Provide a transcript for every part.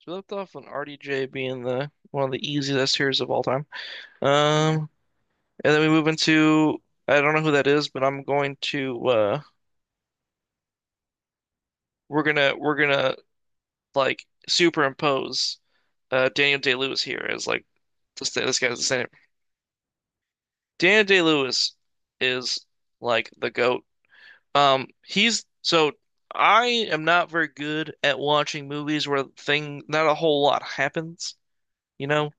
So we left off on RDJ being the one of the easiest heroes of all time. Um, and then we move into I don't know who that is, but I'm going to we're gonna like superimpose Daniel Day-Lewis here as like this guy's the same. Daniel Day-Lewis is like the goat. He's so I am not very good at watching movies where thing not a whole lot happens, you know?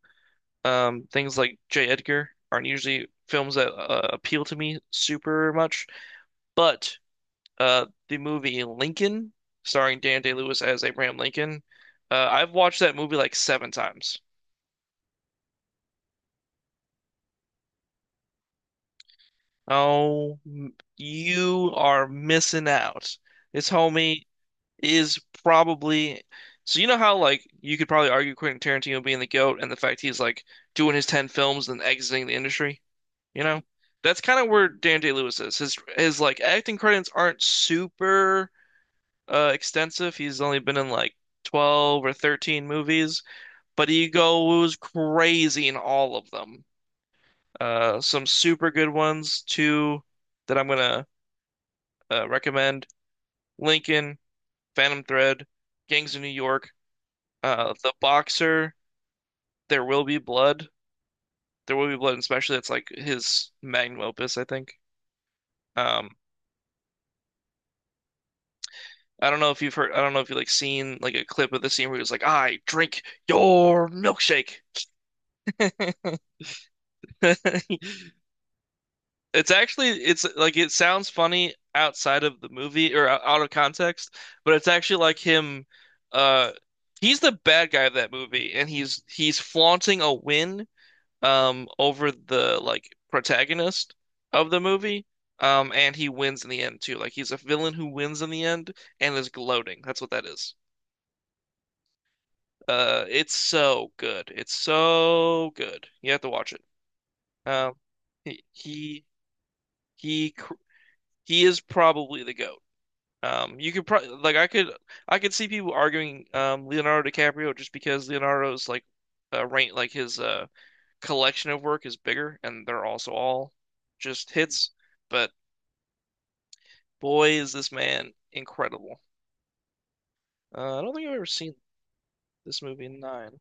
Things like J. Edgar aren't usually films that appeal to me super much, but the movie Lincoln, starring Dan Day-Lewis as Abraham Lincoln, I've watched that movie like seven times. Oh, you are missing out. This homie is probably. So you know how like you could probably argue Quentin Tarantino being the GOAT and the fact he's like doing his 10 films and exiting the industry? You know, that's kind of where Dan Day-Lewis is. His like acting credits aren't super extensive. He's only been in like 12 or 13 movies, but he goes crazy in all of them. Some super good ones too that I'm gonna recommend: Lincoln, Phantom Thread, Gangs of New York, The Boxer, There Will Be Blood. There Will Be Blood, especially that's like his magnum opus, I think. Um, I don't know if you've heard, I don't know if you like seen like a clip of the scene where he was like, "I drink your milkshake." It's like it sounds funny outside of the movie or out of context, but it's actually like him uh he's the bad guy of that movie and he's flaunting a win over the like protagonist of the movie. And he wins in the end too. Like he's a villain who wins in the end and is gloating. That's what that is. It's so good. It's so good. You have to watch it. Um, he he he cr- he is probably the GOAT. You could probably like I could see people arguing Leonardo DiCaprio just because Leonardo's like rank like his collection of work is bigger and they're also all just hits. But boy, is this man incredible. I don't think I've ever seen this movie in nine.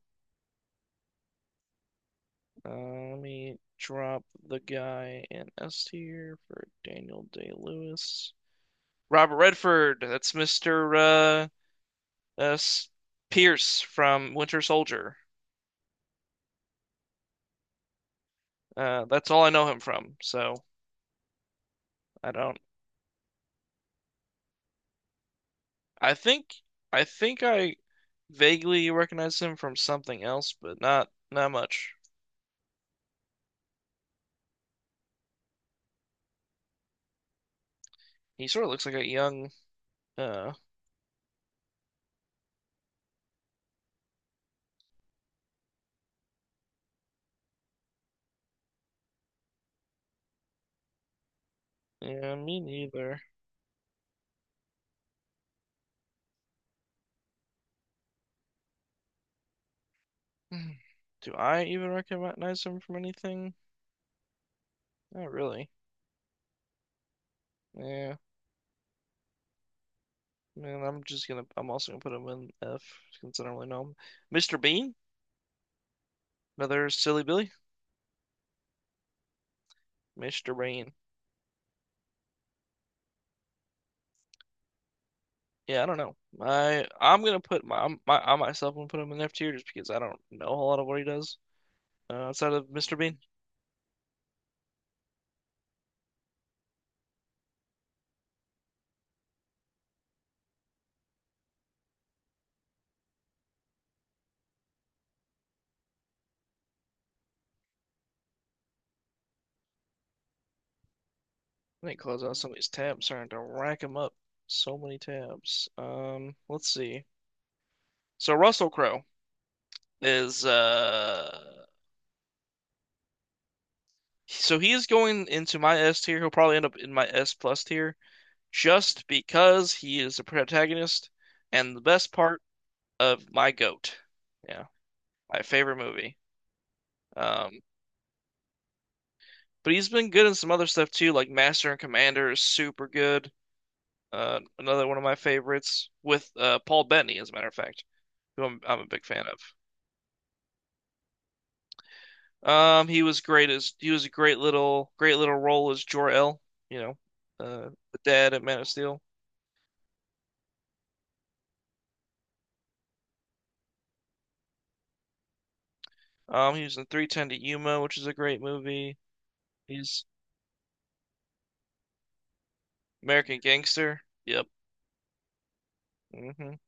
Let me drop the guy in S tier for Daniel Day-Lewis. Robert Redford, that's Mr. Uh, S- Pierce from Winter Soldier. That's all I know him from. So I don't. I think I think I vaguely recognize him from something else, but not much. He sort of looks like a young. Uh, yeah, me neither. Do I even recognize him from anything? Not really. Yeah. Man, I'm just gonna. I'm also gonna put him in F since I don't really know him. Mr. Bean, another silly Billy. Mr. Bean. Yeah, I don't know. I I'm gonna put my I'm- my I myself gonna put him in F tier just because I don't know a whole lot of what he does outside of Mr. Bean. I didn't close out some of these tabs, starting to rack him up. So many tabs. Let's see. So Russell Crowe is so he is going into my S tier. He'll probably end up in my S plus tier just because he is a protagonist and the best part of my goat. Yeah, my favorite movie. Um, but he's been good in some other stuff too, like Master and Commander is super good. Another one of my favorites with Paul Bettany, as a matter of fact, who I'm a big fan of. He was a great little role as Jor-El, you know, the dad at Man of Steel. He was in 3:10 to Yuma, which is a great movie. He's American Gangster. Yep. hmm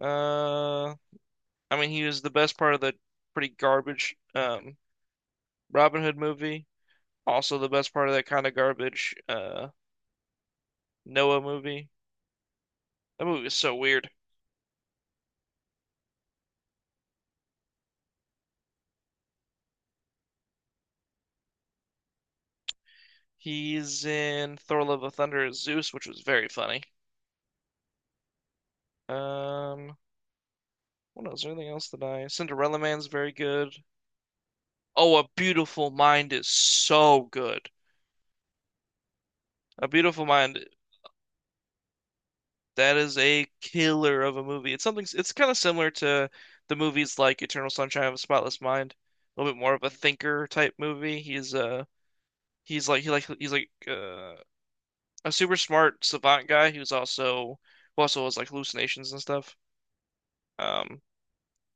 Uh, I mean, he was the best part of the pretty garbage Robin Hood movie. Also, the best part of that kind of garbage Noah movie. That movie was so weird. He's in Thor: Love of Thunder as Zeus, which was very funny. Um, what else? Anything else that I? Cinderella Man's very good. Oh, A Beautiful Mind is so good. A Beautiful Mind That is a killer of a movie. It's kind of similar to the movies like Eternal Sunshine of a Spotless Mind. A little bit more of a thinker type movie. He's like a super smart savant guy who also has like hallucinations and stuff. Um,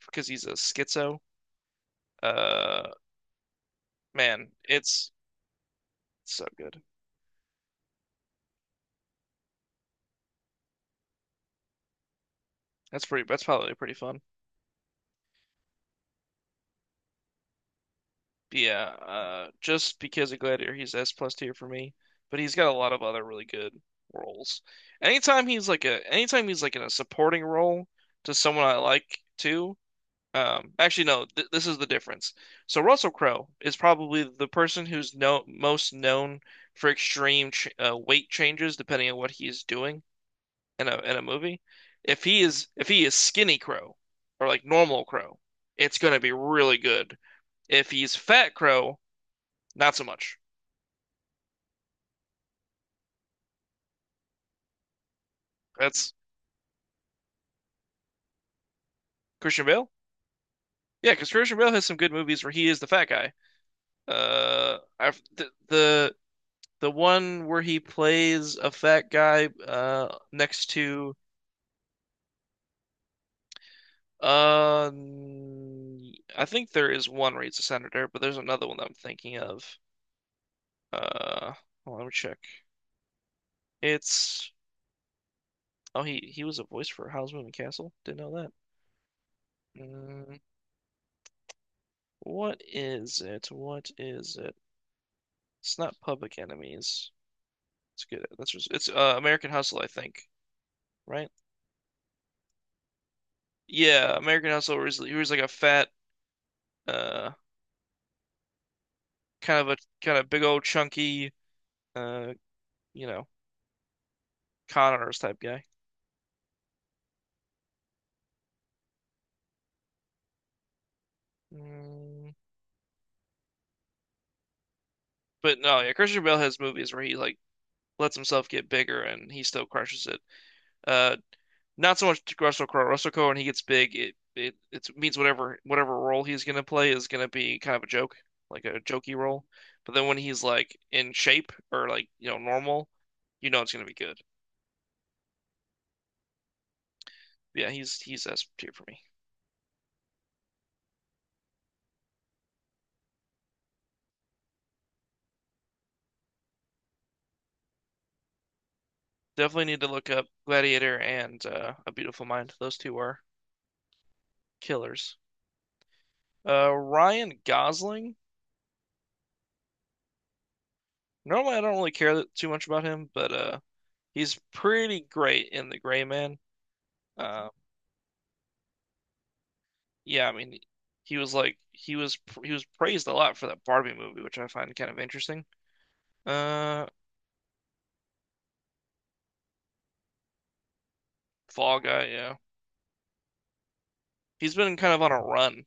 because he's a schizo. Uh, man, it's so good. That's pretty. That's probably pretty fun. But yeah, just because of Gladiator, he's S plus tier for me. But he's got a lot of other really good roles. Anytime he's like in a supporting role to someone I like too. Actually, no, th this is the difference. So Russell Crowe is probably the person who's no most known for extreme ch weight changes depending on what he's doing in a movie. If he is skinny Crow or like normal Crow, it's gonna be really good. If he's fat Crow not so much. That's Christian Bale. Yeah, because Christian Bale has some good movies where he is the fat guy. I've, the one where he plays a fat guy next to uh I think there is one where he's a senator, but there's another one that I'm thinking of. Uh, hold on, let me check. It's oh he was a voice for Howl's Moving Castle. Didn't know that. Mm, what is it? What is it? It's not Public Enemies. It's good. It's American Hustle, I think, right? Yeah, American Hustle. Where he was like a fat, uh, kind of a big old chunky, uh, you know, con artist type guy. Mm. But no, yeah, Christian Bale has movies where he like lets himself get bigger and he still crushes it. Uh, not so much Russell Crowe. Russell Crowe, when he gets big, it means whatever role he's gonna play is gonna be kind of a joke, like a jokey role. But then when he's like in shape or like normal, it's gonna be good. Yeah, he's S tier for me. Definitely need to look up Gladiator and A Beautiful Mind. Those two are killers. Ryan Gosling. Normally, I don't really care too much about him, but he's pretty great in The Gray Man. Uh, yeah, I mean, he was like he was praised a lot for that Barbie movie, which I find kind of interesting. Uh, Fall Guy. Yeah, he's been kind of on a run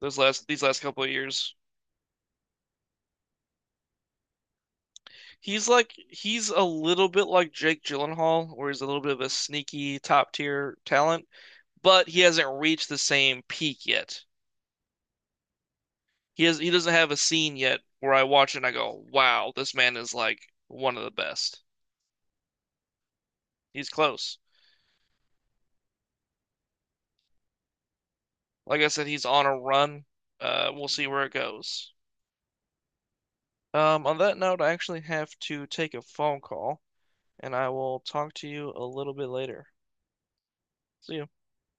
those last these last couple of years. He's a little bit like Jake Gyllenhaal, where he's a little bit of a sneaky top tier talent, but he hasn't reached the same peak yet. He doesn't have a scene yet where I watch it and I go, "Wow, this man is like one of the best." He's close. Like I said, he's on a run. We'll see where it goes. On that note, I actually have to take a phone call, and I will talk to you a little bit later. See you.